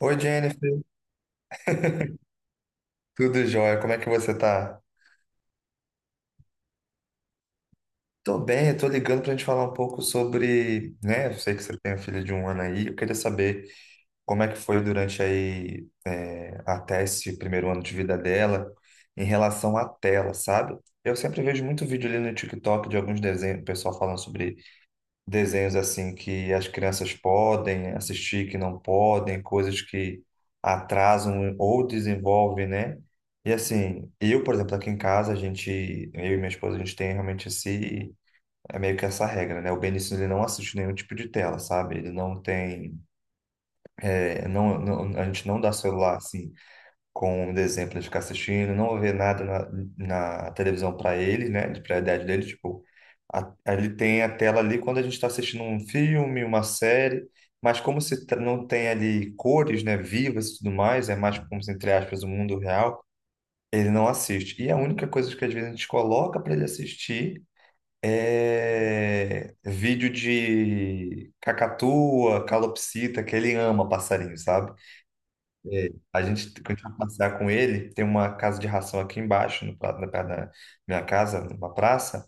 Oi, Jennifer. Tudo jóia? Como é que você tá? Tô bem, eu tô ligando pra gente falar um pouco sobre, né? Eu sei que você tem uma filha de um ano aí. Eu queria saber como é que foi durante aí, até esse primeiro ano de vida dela, em relação à tela, sabe? Eu sempre vejo muito vídeo ali no TikTok de alguns desenhos, o pessoal falando sobre desenhos assim que as crianças podem assistir, que não podem, coisas que atrasam ou desenvolvem, né? E assim, eu, por exemplo, aqui em casa, a gente, eu e minha esposa, a gente tem realmente esse, é meio que essa regra, né? O Benício, ele não assiste nenhum tipo de tela, sabe? Ele não tem, a gente não dá celular, assim, com o exemplo de ficar assistindo, não ver nada na televisão para ele, né, de prioridade dele, tipo, ele tem a tela ali quando a gente está assistindo um filme, uma série, mas como se não tem ali cores, né, vivas e tudo mais, é mais como se, entre aspas, o mundo real, ele não assiste. E a única coisa que às vezes a gente coloca para ele assistir é vídeo de cacatua, calopsita, que ele ama passarinho, sabe? É, a gente, quando a gente vai passear com ele, tem uma casa de ração aqui embaixo, no, pra- na perto da minha casa, numa praça,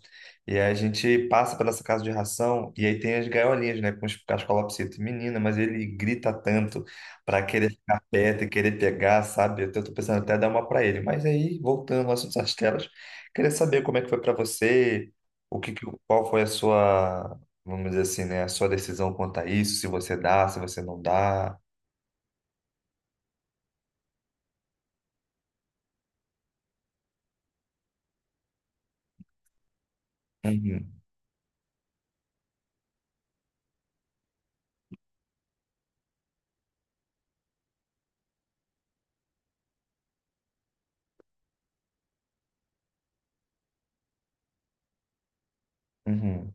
e aí a gente passa pela essa casa de ração, e aí tem as gaiolinhas, né, com os cascolapsitos. Menina, mas ele grita tanto para querer ficar perto e querer pegar, sabe? Eu tô pensando até dar uma para ele. Mas aí, voltando ao assunto das telas, queria saber como é que foi para você, qual foi a sua, vamos dizer assim, né, a sua decisão quanto a isso, se você dá, se você não dá. Uhum, uhum.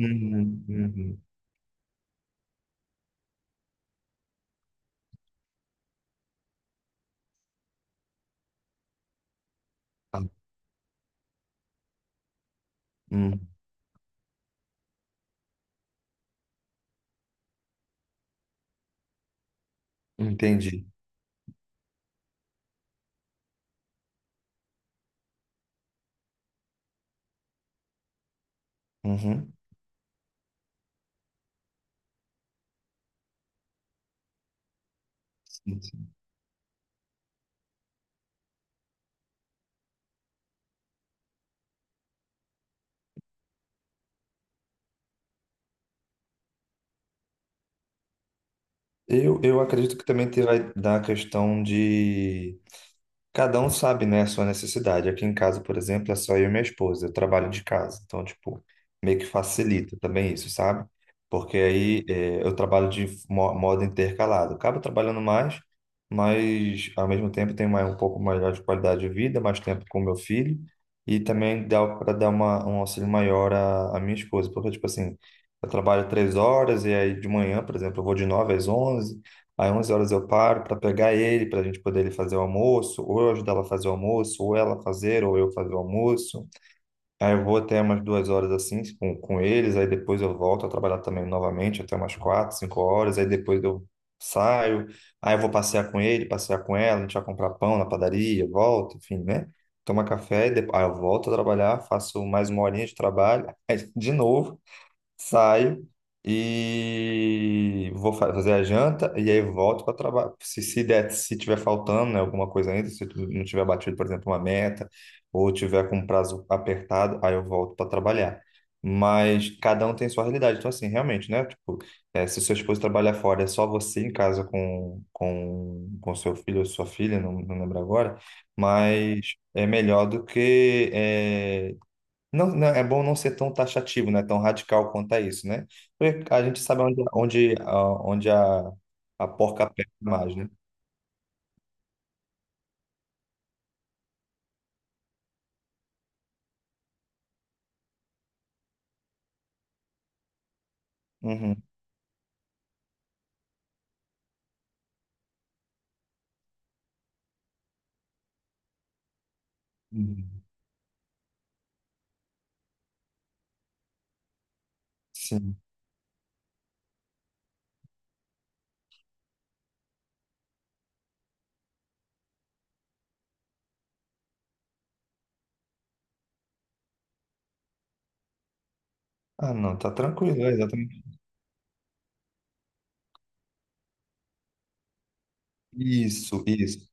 Uhum, uhum. Tá. Uhum. Entendi. Uhum. Sim, sim. Eu acredito que também terá da questão de cada um sabe, né, a sua necessidade. Aqui em casa, por exemplo, é só eu e minha esposa. Eu trabalho de casa. Então, tipo, meio que facilita também isso, sabe? Porque aí eu trabalho de modo intercalado. Acabo trabalhando mais, mas ao mesmo tempo tenho mais, um pouco maior de qualidade de vida, mais tempo com meu filho. E também dá para dar uma, um auxílio maior à minha esposa. Porque, tipo assim, eu trabalho 3 horas e aí de manhã, por exemplo, eu vou de 9 às 11. Aí 11 horas eu paro para pegar ele, para a gente poder ele fazer o almoço, ou eu ajudar ela a fazer o almoço, ou ela fazer, ou eu fazer o almoço. Aí eu vou até umas 2 horas assim com eles, aí depois eu volto a trabalhar também novamente até umas 4, 5 horas, aí depois eu saio, aí eu vou passear com ele, passear com ela, a gente vai comprar pão na padaria, volto, enfim, né? Toma café, e depois, aí eu volto a trabalhar, faço mais uma horinha de trabalho, aí de novo saio e vou fazer a janta e aí volto para trabalhar. Se der, se tiver faltando, né, alguma coisa ainda, se tu não tiver batido, por exemplo, uma meta ou tiver com um prazo apertado, aí eu volto para trabalhar. Mas cada um tem sua realidade. Então, assim, realmente, né? Tipo, se sua esposa trabalha fora, é só você em casa com seu filho ou sua filha, não, não lembro agora, mas é melhor do que não, é bom não ser tão taxativo, né? Tão radical quanto a isso, né? Porque a gente sabe onde a porca aperta mais, né? Uhum, uhum, sim. Ah, não, tá tranquilo, é exatamente. Isso, isso,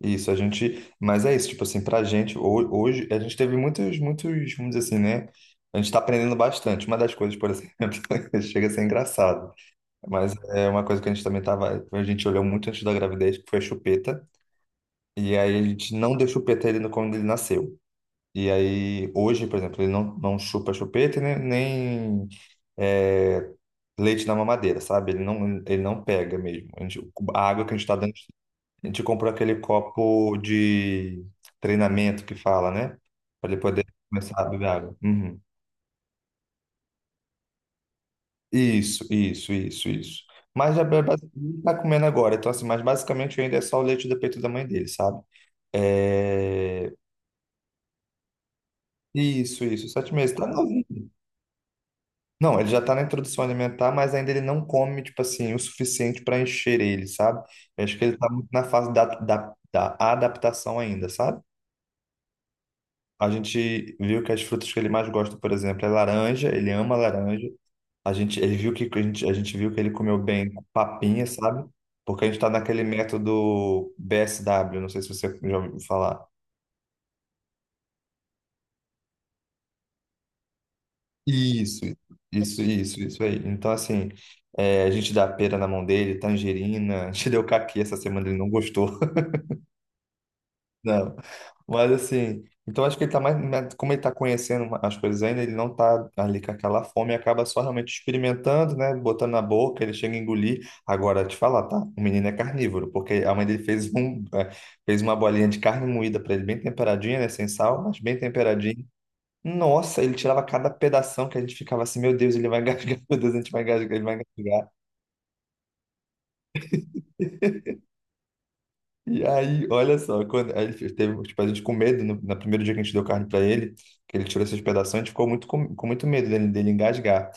isso. A gente, mas é isso, tipo assim, pra gente, hoje, a gente teve muitos, muitos, vamos dizer assim, né? A gente tá aprendendo bastante. Uma das coisas, por exemplo, chega a ser engraçado, mas é uma coisa que a gente também tava, a gente olhou muito antes da gravidez, que foi a chupeta. E aí a gente não deu chupeta a ele quando ele nasceu. E aí, hoje, por exemplo, ele não chupa chupeta e nem, nem, é, leite na mamadeira, sabe? Ele não pega mesmo. A água que a gente tá dando, a gente comprou aquele copo de treinamento que fala, né? Para ele poder começar a beber água. Uhum. Isso, isso, isso, isso. Mas já ele tá comendo agora, então assim, mas basicamente ainda é só o leite do peito da mãe dele, sabe? É. Isso, 7 meses. Tá novinho. Não, ele já tá na introdução alimentar, mas ainda ele não come, tipo assim, o suficiente para encher ele, sabe? Eu acho que ele tá muito na fase da adaptação ainda, sabe? A gente viu que as frutas que ele mais gosta, por exemplo, é laranja, ele ama laranja. A gente viu que ele comeu bem papinha, sabe? Porque a gente tá naquele método BSW, não sei se você já ouviu falar. Isso, isso aí. Então, assim, a gente dá pera na mão dele, tangerina, a gente deu caqui essa semana, ele não gostou, não. Mas, assim, então acho que ele tá mais, como ele tá conhecendo as coisas ainda, ele não tá ali com aquela fome, acaba só realmente experimentando, né, botando na boca, ele chega a engolir. Agora, te falar, tá? O menino é carnívoro, porque a mãe dele fez uma bolinha de carne moída para ele, bem temperadinha, né, sem sal, mas bem temperadinha. Nossa, ele tirava cada pedação que a gente ficava assim, meu Deus, ele vai gasgar, meu Deus, a gente vai gasgar, ele vai gasgar. E aí, olha só, quando aí ele teve, tipo, a gente com medo, no primeiro dia que a gente deu carne para ele, que ele tirou esses pedaços, a gente ficou muito com muito medo dele engasgar.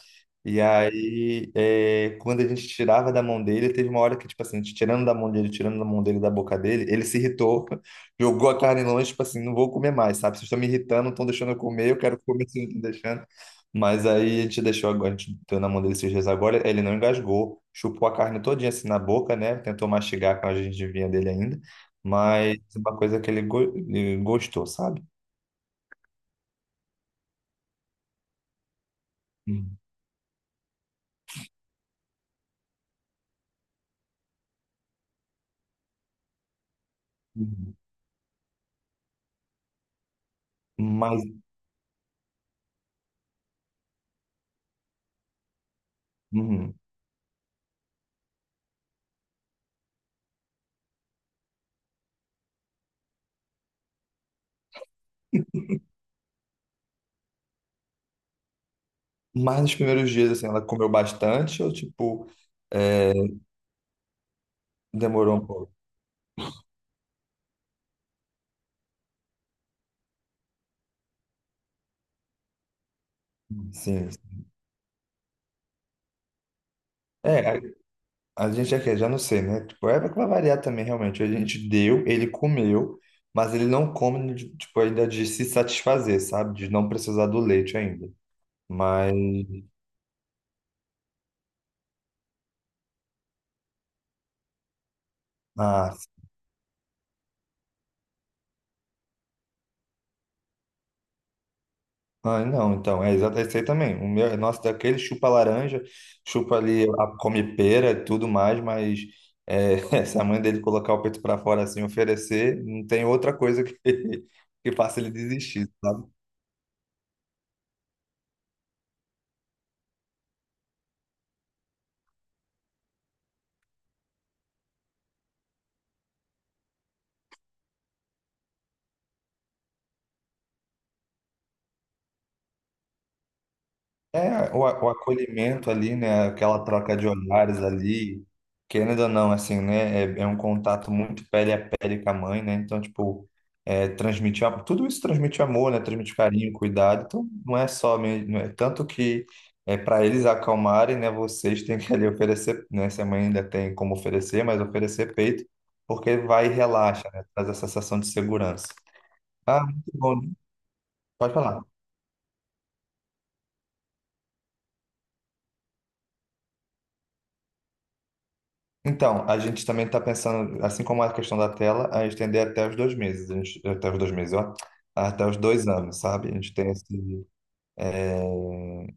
E aí, quando a gente tirava da mão dele, teve uma hora que, tipo assim, a gente tirando da mão dele, tirando da mão dele, da boca dele, ele se irritou, jogou a carne longe, tipo assim, não vou comer mais, sabe? Vocês estão me irritando, não estão deixando eu comer, eu quero comer, vocês não estão deixando. Mas aí a gente deixou agora, a gente deu na mão dele esses dias agora, ele não engasgou, chupou a carne todinha assim na boca, né? Tentou mastigar com a gengivinha dele ainda, mas é uma coisa que ele gostou, sabe? Uhum. Uhum. Mas, uhum. Mas nos primeiros dias, assim, ela comeu bastante ou, tipo, é, demorou um pouco? Sim. É, a gente aqui, já não sei, né? Tipo, é que vai variar também, realmente. A gente deu, ele comeu, mas ele não come, tipo, ainda de se satisfazer, sabe? De não precisar do leite ainda. Mas, ah, ah, não, então, é exatamente esse aí também. O meu, nosso daquele chupa laranja, chupa ali, a, come pera e tudo mais, mas é, se a mãe dele colocar o peito para fora assim, oferecer, não tem outra coisa que, que faça ele desistir, sabe? É, o acolhimento ali, né? Aquela troca de olhares ali, querendo ou não, assim, né? É um contato muito pele a pele com a mãe, né? Então, tipo, transmitir, tudo isso transmite amor, né? Transmite carinho, cuidado. Então, não é só, não é, tanto que para eles acalmarem, né? Vocês têm que ali oferecer, né? Se a mãe ainda tem como oferecer, mas oferecer peito, porque vai e relaxa, né? Traz a sensação de segurança. Ah, muito bom. Pode falar. Então, a gente também está pensando, assim como a questão da tela, a estender até os 2 meses, até os 2 meses, ó, até os 2 anos, sabe? A gente tem esse, é,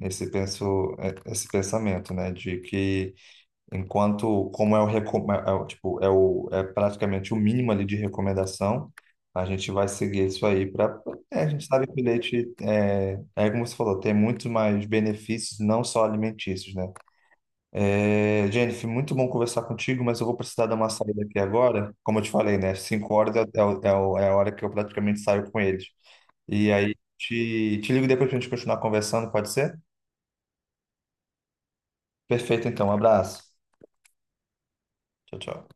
esse, penso, é, esse pensamento, né? De que enquanto, como é o, recom- é é o- é praticamente o mínimo ali de recomendação, a gente vai seguir isso aí para, a gente sabe que o leite, é como você falou, tem muito mais benefícios, não só alimentícios, né? Jennifer, muito bom conversar contigo, mas eu vou precisar dar uma saída aqui agora. Como eu te falei, né? 5 horas é a hora que eu praticamente saio com eles. E aí, te ligo depois pra gente continuar conversando, pode ser? Perfeito, então. Um abraço. Tchau, tchau.